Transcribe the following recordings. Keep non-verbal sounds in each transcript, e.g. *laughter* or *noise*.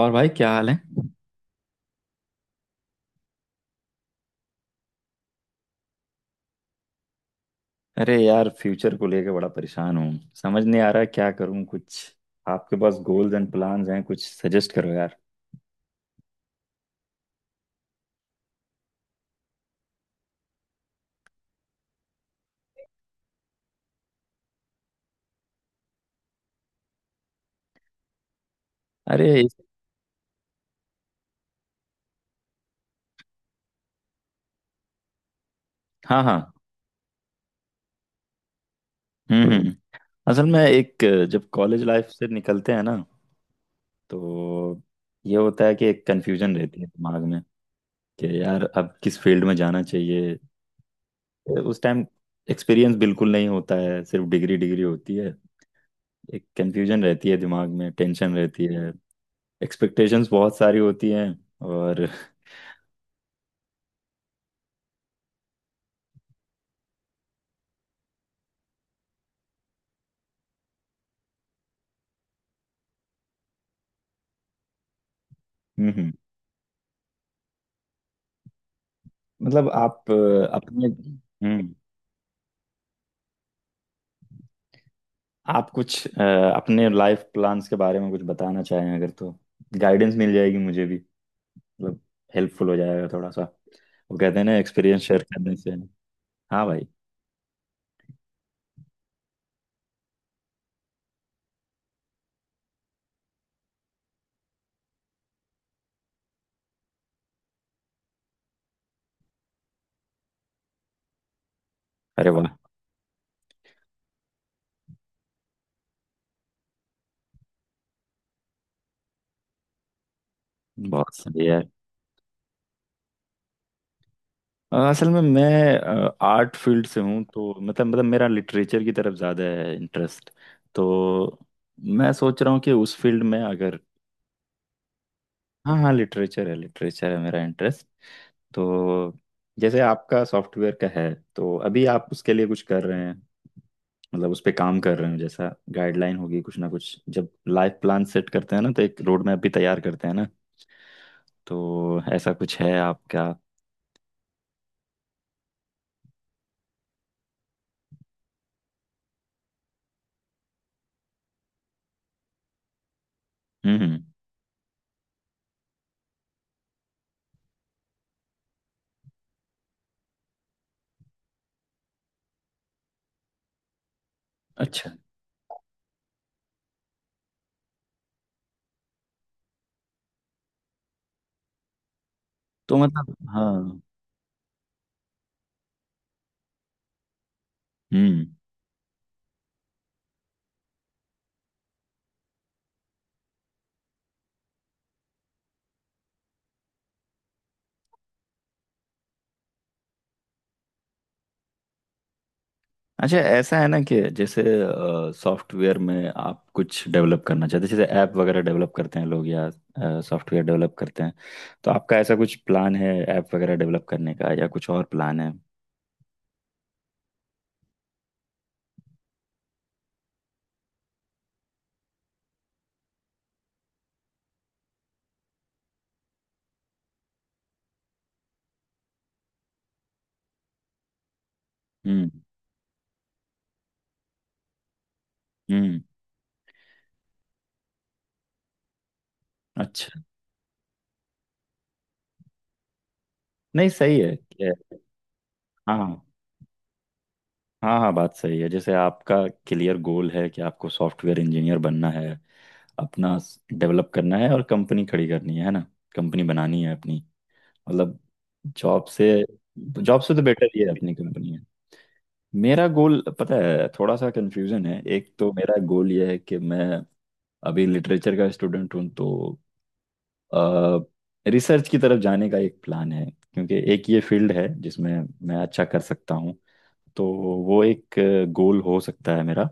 और भाई, क्या हाल है? अरे यार, फ्यूचर को लेके बड़ा परेशान हूँ। समझ नहीं आ रहा क्या करूँ कुछ। आपके पास गोल्स एंड प्लान्स हैं, कुछ सजेस्ट करो यार। अरे इस- हाँ, हाँ। हम्म, हम्म, असल में जब कॉलेज लाइफ से निकलते हैं ना, तो ये होता है कि एक कन्फ्यूजन रहती है दिमाग में। कि यार अब किस फील्ड में जाना चाहिए। उस टाइम एक्सपीरियंस बिल्कुल नहीं होता है, सिर्फ डिग्री डिग्री होती है। एक कंफ्यूजन रहती है दिमाग में, टेंशन रहती है। एक्सपेक्टेशंस बहुत सारी होती हैं। और *laughs* हम्म, मतलब आप अपने हम्म आप कुछ अपने लाइफ प्लान्स के बारे में कुछ बताना चाहें अगर तो, गाइडेंस मिल जाएगी मुझे भी। मतलब, हेल्पफुल हो जाएगा थोड़ा सा। वो कहते हैं ना, एक्सपीरियंस शेयर करने से। हाँ भाई। अरे वाह। बहुत सही है। असल में मैं आर्ट फील्ड से हूँ, तो मतलब मेरा लिटरेचर की तरफ ज़्यादा है इंटरेस्ट। तो मैं सोच रहा हूँ कि उस फील्ड में अगर। हाँ, हाँ, लिटरेचर है, लिटरेचर है मेरा इंटरेस्ट। तो जैसे आपका सॉफ्टवेयर का है, तो अभी आप उसके लिए कुछ कर रहे हैं। मतलब उस पे काम कर रहे हैं, जैसा गाइडलाइन होगी, कुछ ना कुछ जब लाइफ प्लान सेट करते हैं ना, तो एक रोड मैप भी तैयार करते हैं ना। तो ऐसा कुछ है आपका। हम्म। अच्छा। तो मतलब, हाँ। हम्म। अच्छा, ऐसा है ना कि जैसे सॉफ्टवेयर में आप कुछ डेवलप करना चाहते हैं, जैसे ऐप वगैरह डेवलप करते हैं लोग, या सॉफ्टवेयर डेवलप करते हैं। तो आपका ऐसा कुछ प्लान है, ऐप वगैरह डेवलप करने का, या कुछ और प्लान है। हम्म, हम्म। अच्छा। नहीं, हाँ, हाँ, हाँ, बात सही है। जैसे आपका क्लियर गोल है कि आपको सॉफ्टवेयर इंजीनियर बनना है। अपना डेवलप करना है और कंपनी खड़ी करनी है ना। कंपनी बनानी है अपनी। मतलब जॉब से जॉब से तो बेटर ये है, अपनी कंपनी है। मेरा गोल पता है, थोड़ा सा कंफ्यूजन है। एक तो मेरा गोल ये है कि मैं अभी लिटरेचर का स्टूडेंट हूँ, तो रिसर्च की तरफ जाने का एक प्लान है। क्योंकि एक ये फील्ड है जिसमें मैं अच्छा कर सकता हूँ, तो वो एक गोल हो सकता है मेरा।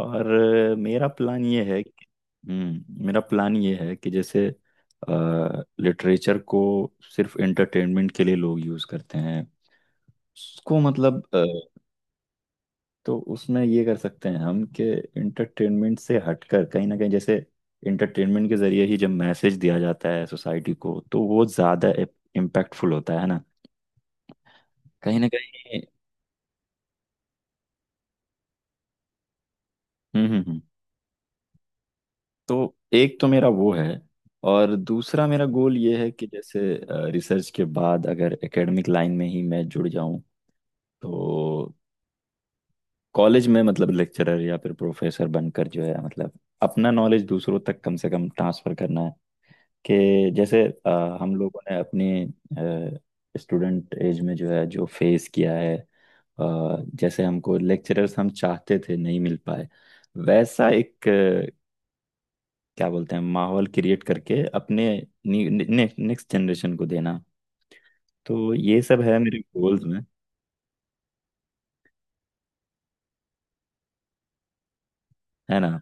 और अ, मेरा प्लान ये है कि- मेरा प्लान ये है कि जैसे लिटरेचर को सिर्फ एंटरटेनमेंट के लिए लोग यूज़ करते हैं। उसको मतलब तो उसमें ये कर सकते हैं हम कि इंटरटेनमेंट से हटकर कहीं ना कहीं, जैसे इंटरटेनमेंट के जरिए ही जब मैसेज दिया जाता है सोसाइटी को, तो वो ज़्यादा इम्पैक्टफुल होता है ना, कहीं ना कहीं। हम्म, हम्म, हम्म। तो एक तो मेरा वो है। और दूसरा मेरा गोल ये है कि जैसे रिसर्च के बाद अगर एकेडमिक लाइन में ही मैं जुड़ जाऊं, तो कॉलेज में, मतलब लेक्चरर या फिर प्रोफेसर बनकर जो है, मतलब अपना नॉलेज दूसरों तक कम से कम ट्रांसफर करना है। कि जैसे हम लोगों ने अपनी स्टूडेंट एज में जो है, जो फेस किया है। जैसे हमको लेक्चरर्स हम चाहते थे नहीं मिल पाए, वैसा एक क्या बोलते हैं, माहौल क्रिएट करके अपने नेक्स्ट जनरेशन को देना। तो ये सब है मेरे गोल्स में। है ना।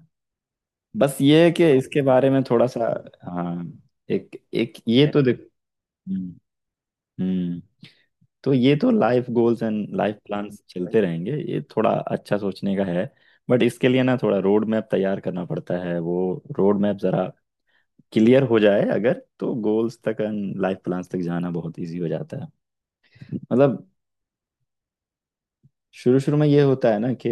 बस ये है कि इसके बारे में थोड़ा सा। हाँ। एक एक ये तो देख। हम्म, हम्म। तो ये तो life goals and life plans चलते रहेंगे। ये थोड़ा अच्छा सोचने का है। बट इसके लिए ना, थोड़ा रोड मैप तैयार करना पड़ता है। वो रोड मैप जरा क्लियर हो जाए अगर, तो गोल्स तक एंड लाइफ प्लान्स तक जाना बहुत इजी हो जाता है। मतलब शुरू शुरू में ये होता है ना कि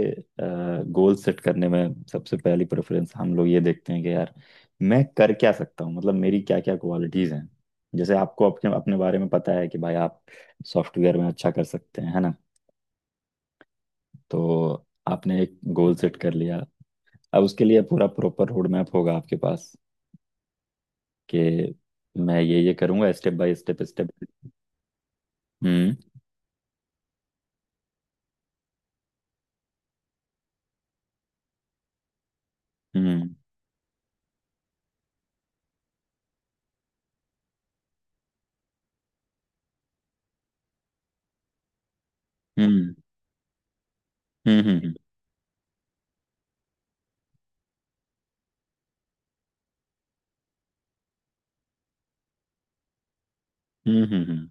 गोल सेट करने में सबसे पहली प्रेफरेंस हम लोग ये देखते हैं कि यार, मैं कर क्या सकता हूँ, मतलब मेरी क्या क्या क्वालिटीज़ हैं। जैसे आपको अपने अपने बारे में पता है कि भाई आप सॉफ्टवेयर में अच्छा कर सकते हैं, है ना। तो आपने एक गोल सेट कर लिया। अब उसके लिए पूरा प्रॉपर रोड मैप होगा आपके पास कि मैं ये करूंगा, स्टेप बाय स्टेप स्टेप। हम्म, हम्म, हम्म, हम्म, हम्म, हम्म, हम्म, हम्म,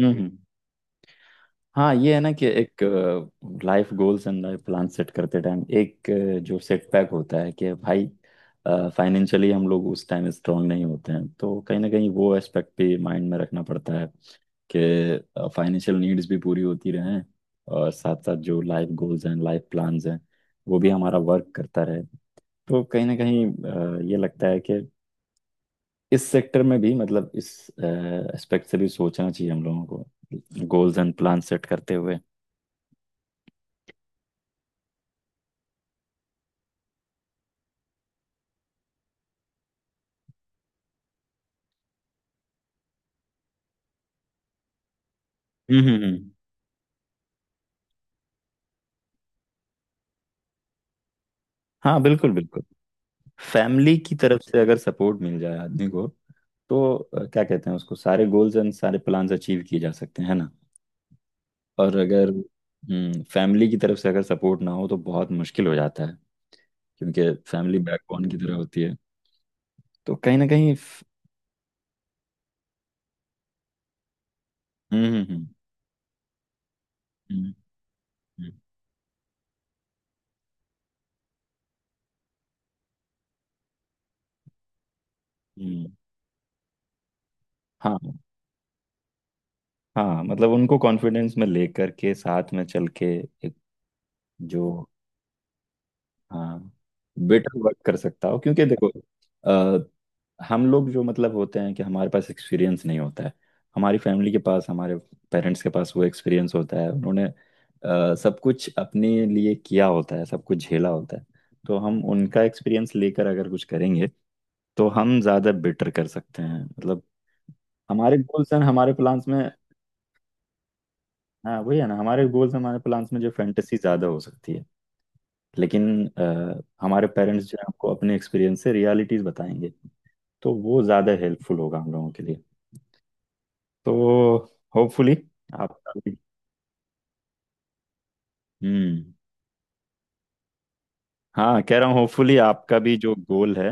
हम्म, हाँ, ये है ना कि एक life goals and life plan set करते टाइम, एक जो सेटबैक होता है कि भाई, फाइनेंशियली हम लोग उस टाइम स्ट्रांग नहीं होते हैं, तो कहीं ना कहीं वो एस्पेक्ट भी माइंड में रखना पड़ता है। कि फाइनेंशियल नीड्स भी पूरी होती रहें, और साथ साथ जो लाइफ गोल्स हैं, लाइफ प्लान्स हैं, वो भी हमारा वर्क करता रहे। तो कहीं ना कहीं ये लगता है कि इस सेक्टर में भी, मतलब इस एस्पेक्ट से भी सोचना चाहिए हम लोगों को, गोल्स एंड प्लान सेट करते हुए। हम्म, हम्म, हाँ, बिल्कुल, बिल्कुल। फैमिली की तरफ से अगर सपोर्ट मिल जाए आदमी को, तो क्या कहते हैं उसको, सारे गोल्स एंड सारे प्लान्स अचीव किए जा सकते हैं, है ना। और अगर फैमिली की तरफ से अगर सपोर्ट ना हो, तो बहुत मुश्किल हो जाता है। क्योंकि फैमिली बैकबोन की तरह होती है। तो कहीं ना कहीं हम्म, हम्म, हम्म, हम्म, हम्म, हम्म, हाँ, हाँ, मतलब उनको कॉन्फिडेंस में लेकर के, साथ में चल के एक जो, हाँ, बेटर वर्क कर सकता हो, क्योंकि देखो, हम लोग जो मतलब होते हैं कि, हमारे पास एक्सपीरियंस नहीं होता है। हमारी फैमिली के पास, हमारे पेरेंट्स के पास वो एक्सपीरियंस होता है। उन्होंने सब कुछ अपने लिए किया होता है, सब कुछ झेला होता है। तो हम उनका एक्सपीरियंस लेकर अगर कुछ करेंगे, तो हम ज़्यादा बेटर कर सकते हैं, मतलब हमारे गोल्स एंड हमारे प्लान्स में। हाँ, वही है ना, हमारे गोल्स हमारे प्लान्स में जो फैंटेसी ज़्यादा हो सकती है। लेकिन हमारे पेरेंट्स जो है आपको अपने एक्सपीरियंस से रियलिटीज़ बताएंगे, तो वो ज़्यादा हेल्पफुल होगा हम लोगों के लिए। तो होपफुली आपका भी। हम्म। हाँ, कह रहा हूँ होपफुली आपका भी जो गोल है।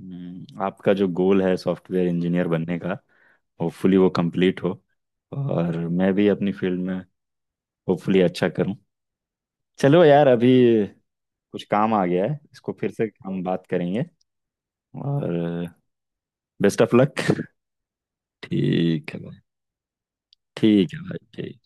आपका जो गोल है सॉफ्टवेयर इंजीनियर बनने का, होपफुली वो कंप्लीट हो। और मैं भी अपनी फील्ड में होपफुली अच्छा करूँ। चलो यार, अभी कुछ काम आ गया है, इसको फिर से हम बात करेंगे। और बेस्ट ऑफ लक। *laughs* ठीक है भाई, ठीक है भाई, ठीक